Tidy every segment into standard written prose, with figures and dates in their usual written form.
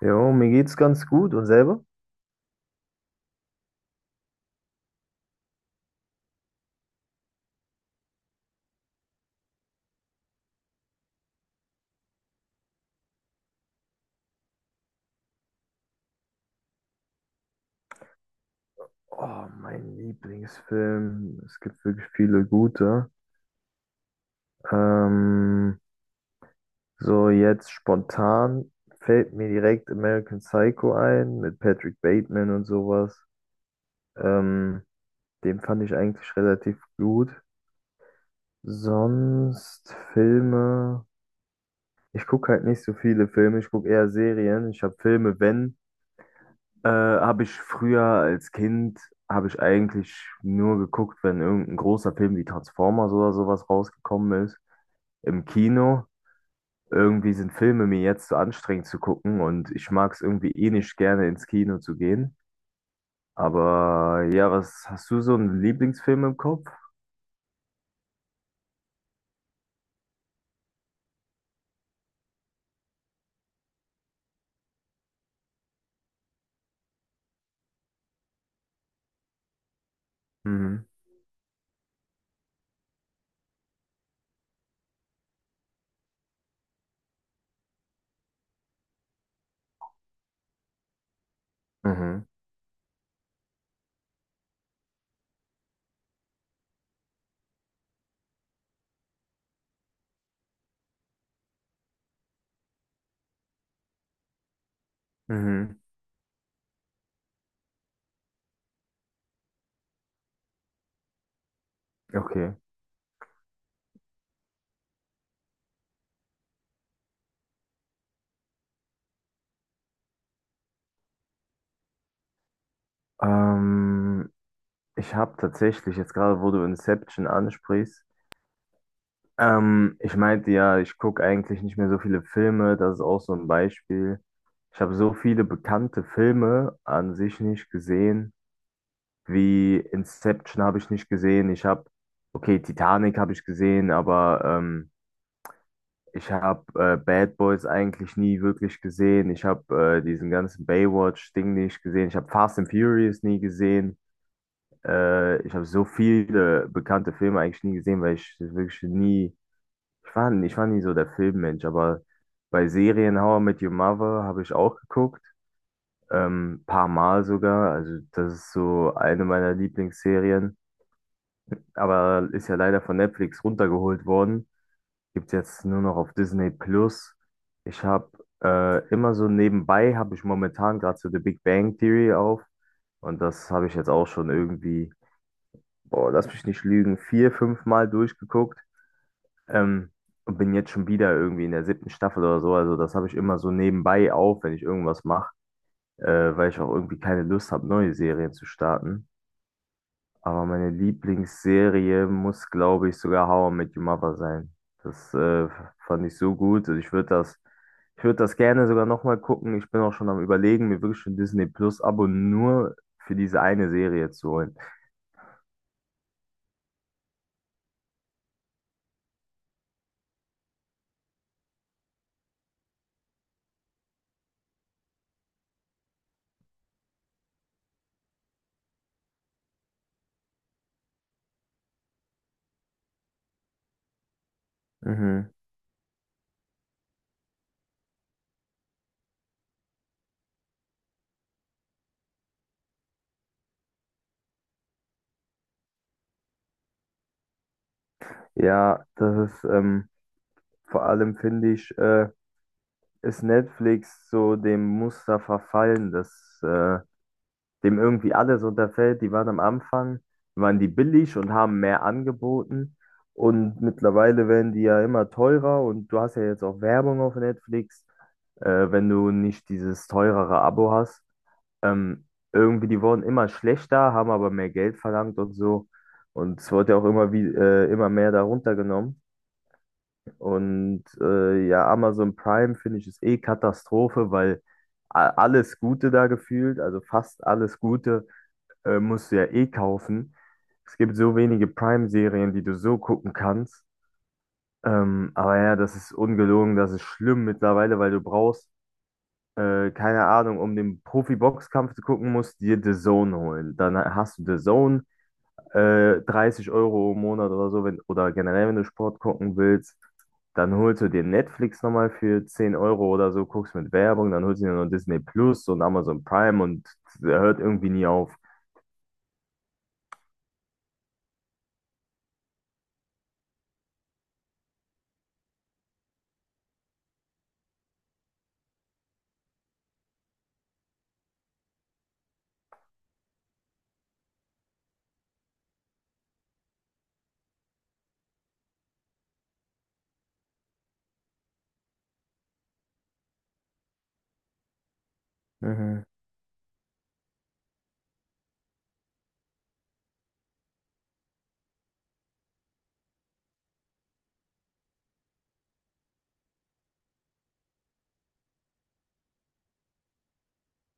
Jo, mir geht's ganz gut und selber? Oh, mein Lieblingsfilm. Es gibt wirklich viele gute. Ähm, so jetzt spontan fällt mir direkt American Psycho ein mit Patrick Bateman und sowas. Ähm, Den fand ich eigentlich relativ gut. Sonst Filme. Ich gucke halt nicht so viele Filme, ich gucke eher Serien. Ich habe Filme, wenn. Habe ich früher als Kind, habe ich eigentlich nur geguckt, wenn irgendein großer Film wie Transformers oder sowas rausgekommen ist, im Kino. Irgendwie sind Filme mir jetzt zu anstrengend zu gucken und ich mag es irgendwie eh nicht gerne ins Kino zu gehen. Aber ja, was hast du so einen Lieblingsfilm im Kopf? Mhm. Mhm. Mhm. Okay. Ähm, Ich habe tatsächlich jetzt gerade, wo du Inception ansprichst. Ich meinte ja, ich gucke eigentlich nicht mehr so viele Filme, das ist auch so ein Beispiel. Ich habe so viele bekannte Filme an sich nicht gesehen, wie Inception habe ich nicht gesehen. Ich habe, okay, Titanic habe ich gesehen, aber ich habe Bad Boys eigentlich nie wirklich gesehen. Ich habe diesen ganzen Baywatch-Ding nicht gesehen. Ich habe Fast and Furious nie gesehen. Ich habe so viele bekannte Filme eigentlich nie gesehen, weil ich wirklich nie. Ich war nie so der Filmmensch, aber bei Serien How I Met Your Mother habe ich auch geguckt, paar Mal sogar. Also das ist so eine meiner Lieblingsserien, aber ist ja leider von Netflix runtergeholt worden. Gibt's jetzt nur noch auf Disney Plus. Ich habe immer so nebenbei habe ich momentan gerade so The Big Bang Theory auf und das habe ich jetzt auch schon irgendwie, boah, lass mich nicht lügen, vier, fünf Mal durchgeguckt. Ähm, und bin jetzt schon wieder irgendwie in der siebten Staffel oder so. Also das habe ich immer so nebenbei auf, wenn ich irgendwas mache, weil ich auch irgendwie keine Lust habe, neue Serien zu starten. Aber meine Lieblingsserie muss, glaube ich, sogar How I Met Your Mother sein. Das fand ich so gut. Und ich würde das gerne sogar nochmal gucken. Ich bin auch schon am Überlegen, mir wirklich ein Disney Plus-Abo nur für diese eine Serie zu holen. Mhm. Ja, das ist vor allem finde ich. Ist Netflix so dem Muster verfallen, dass dem irgendwie alles unterfällt. Die waren am Anfang, waren die billig und haben mehr angeboten. Und mittlerweile werden die ja immer teurer und du hast ja jetzt auch Werbung auf Netflix, wenn du nicht dieses teurere Abo hast. Ähm, irgendwie, die wurden immer schlechter, haben aber mehr Geld verlangt und so. Und es wurde ja auch immer mehr darunter genommen. Und ja, Amazon Prime finde ich ist eh Katastrophe, weil alles Gute da gefühlt, also fast alles Gute, musst du ja eh kaufen. Es gibt so wenige Prime-Serien, die du so gucken kannst. Aber ja, das ist ungelogen, das ist schlimm mittlerweile, weil du brauchst, keine Ahnung, um den Profi-Boxkampf zu gucken, musst du dir The Zone holen. Dann hast du The Zone, 30 Euro im Monat oder so, wenn, oder generell, wenn du Sport gucken willst, dann holst du dir Netflix nochmal für 10 Euro oder so, guckst mit Werbung, dann holst du dir noch Disney Plus und Amazon Prime und der hört irgendwie nie auf. Mhm,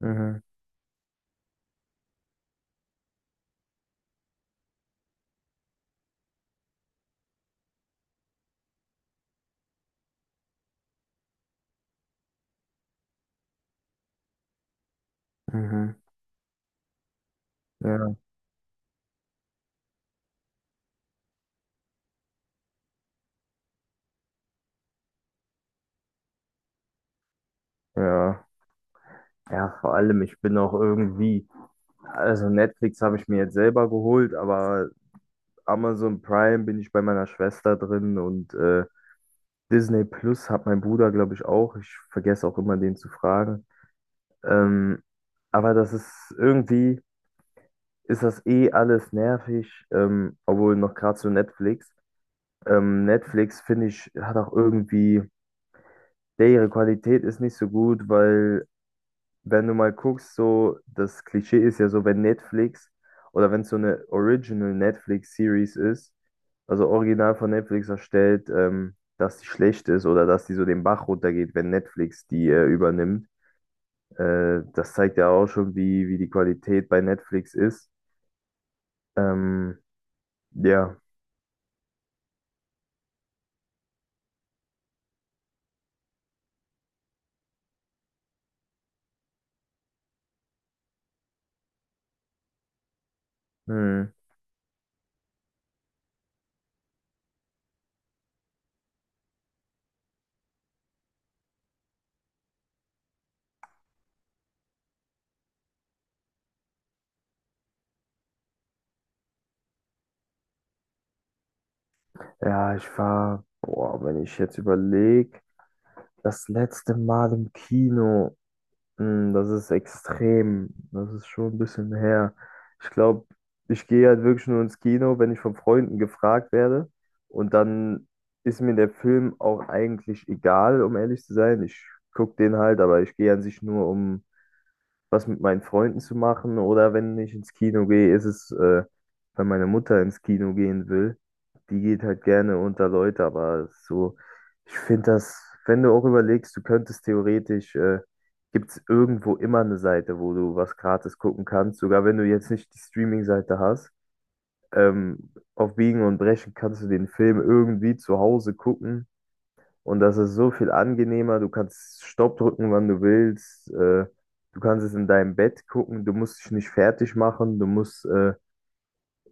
mhm, mhm. Ja. Ja, ja, vor allem, ich bin auch irgendwie, also Netflix habe ich mir jetzt selber geholt, aber Amazon Prime bin ich bei meiner Schwester drin und Disney Plus hat mein Bruder, glaube ich, auch. Ich vergesse auch immer, den zu fragen. Ähm, aber das ist irgendwie, ist das eh alles nervig, obwohl noch gerade zu Netflix. Netflix, finde ich, hat auch irgendwie, ja, ihre Qualität ist nicht so gut, weil wenn du mal guckst, so, das Klischee ist ja so, wenn Netflix oder wenn es so eine Original Netflix-Series ist, also original von Netflix erstellt, dass die schlecht ist oder dass die so den Bach runtergeht, wenn Netflix die übernimmt. Das zeigt ja auch schon, wie, die Qualität bei Netflix ist. Ähm, ja, hm. Ja, ich war, boah, wenn ich jetzt überlege, das letzte Mal im Kino, das ist extrem, das ist schon ein bisschen her. Ich glaube, ich gehe halt wirklich nur ins Kino, wenn ich von Freunden gefragt werde. Und dann ist mir der Film auch eigentlich egal, um ehrlich zu sein. Ich gucke den halt, aber ich gehe an sich nur, um was mit meinen Freunden zu machen. Oder wenn ich ins Kino gehe, ist es, wenn meine Mutter ins Kino gehen will. Die geht halt gerne unter Leute, aber so, ich finde das, wenn du auch überlegst, du könntest theoretisch, gibt es irgendwo immer eine Seite, wo du was gratis gucken kannst, sogar wenn du jetzt nicht die Streaming-Seite hast. Auf Biegen und Brechen kannst du den Film irgendwie zu Hause gucken und das ist so viel angenehmer. Du kannst Stopp drücken, wann du willst. Du kannst es in deinem Bett gucken. Du musst dich nicht fertig machen. Du musst, äh,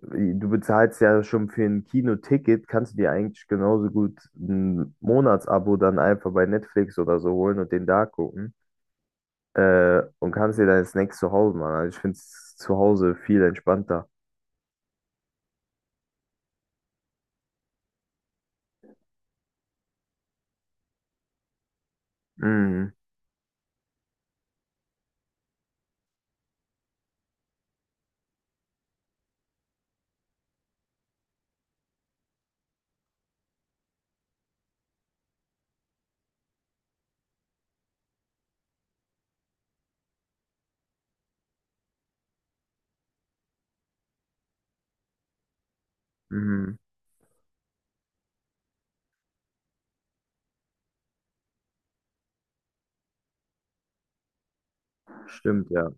du bezahlst ja schon für ein Kinoticket. Kannst du dir eigentlich genauso gut ein Monatsabo dann einfach bei Netflix oder so holen und den da gucken. Und kannst dir deine Snacks zu Hause machen. Also ich finde es zu Hause viel entspannter. Mhm. Mhm. Stimmt, ja.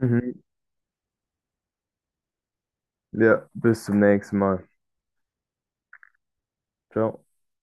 Mhm. Ja, bis zum nächsten Mal. Ciao.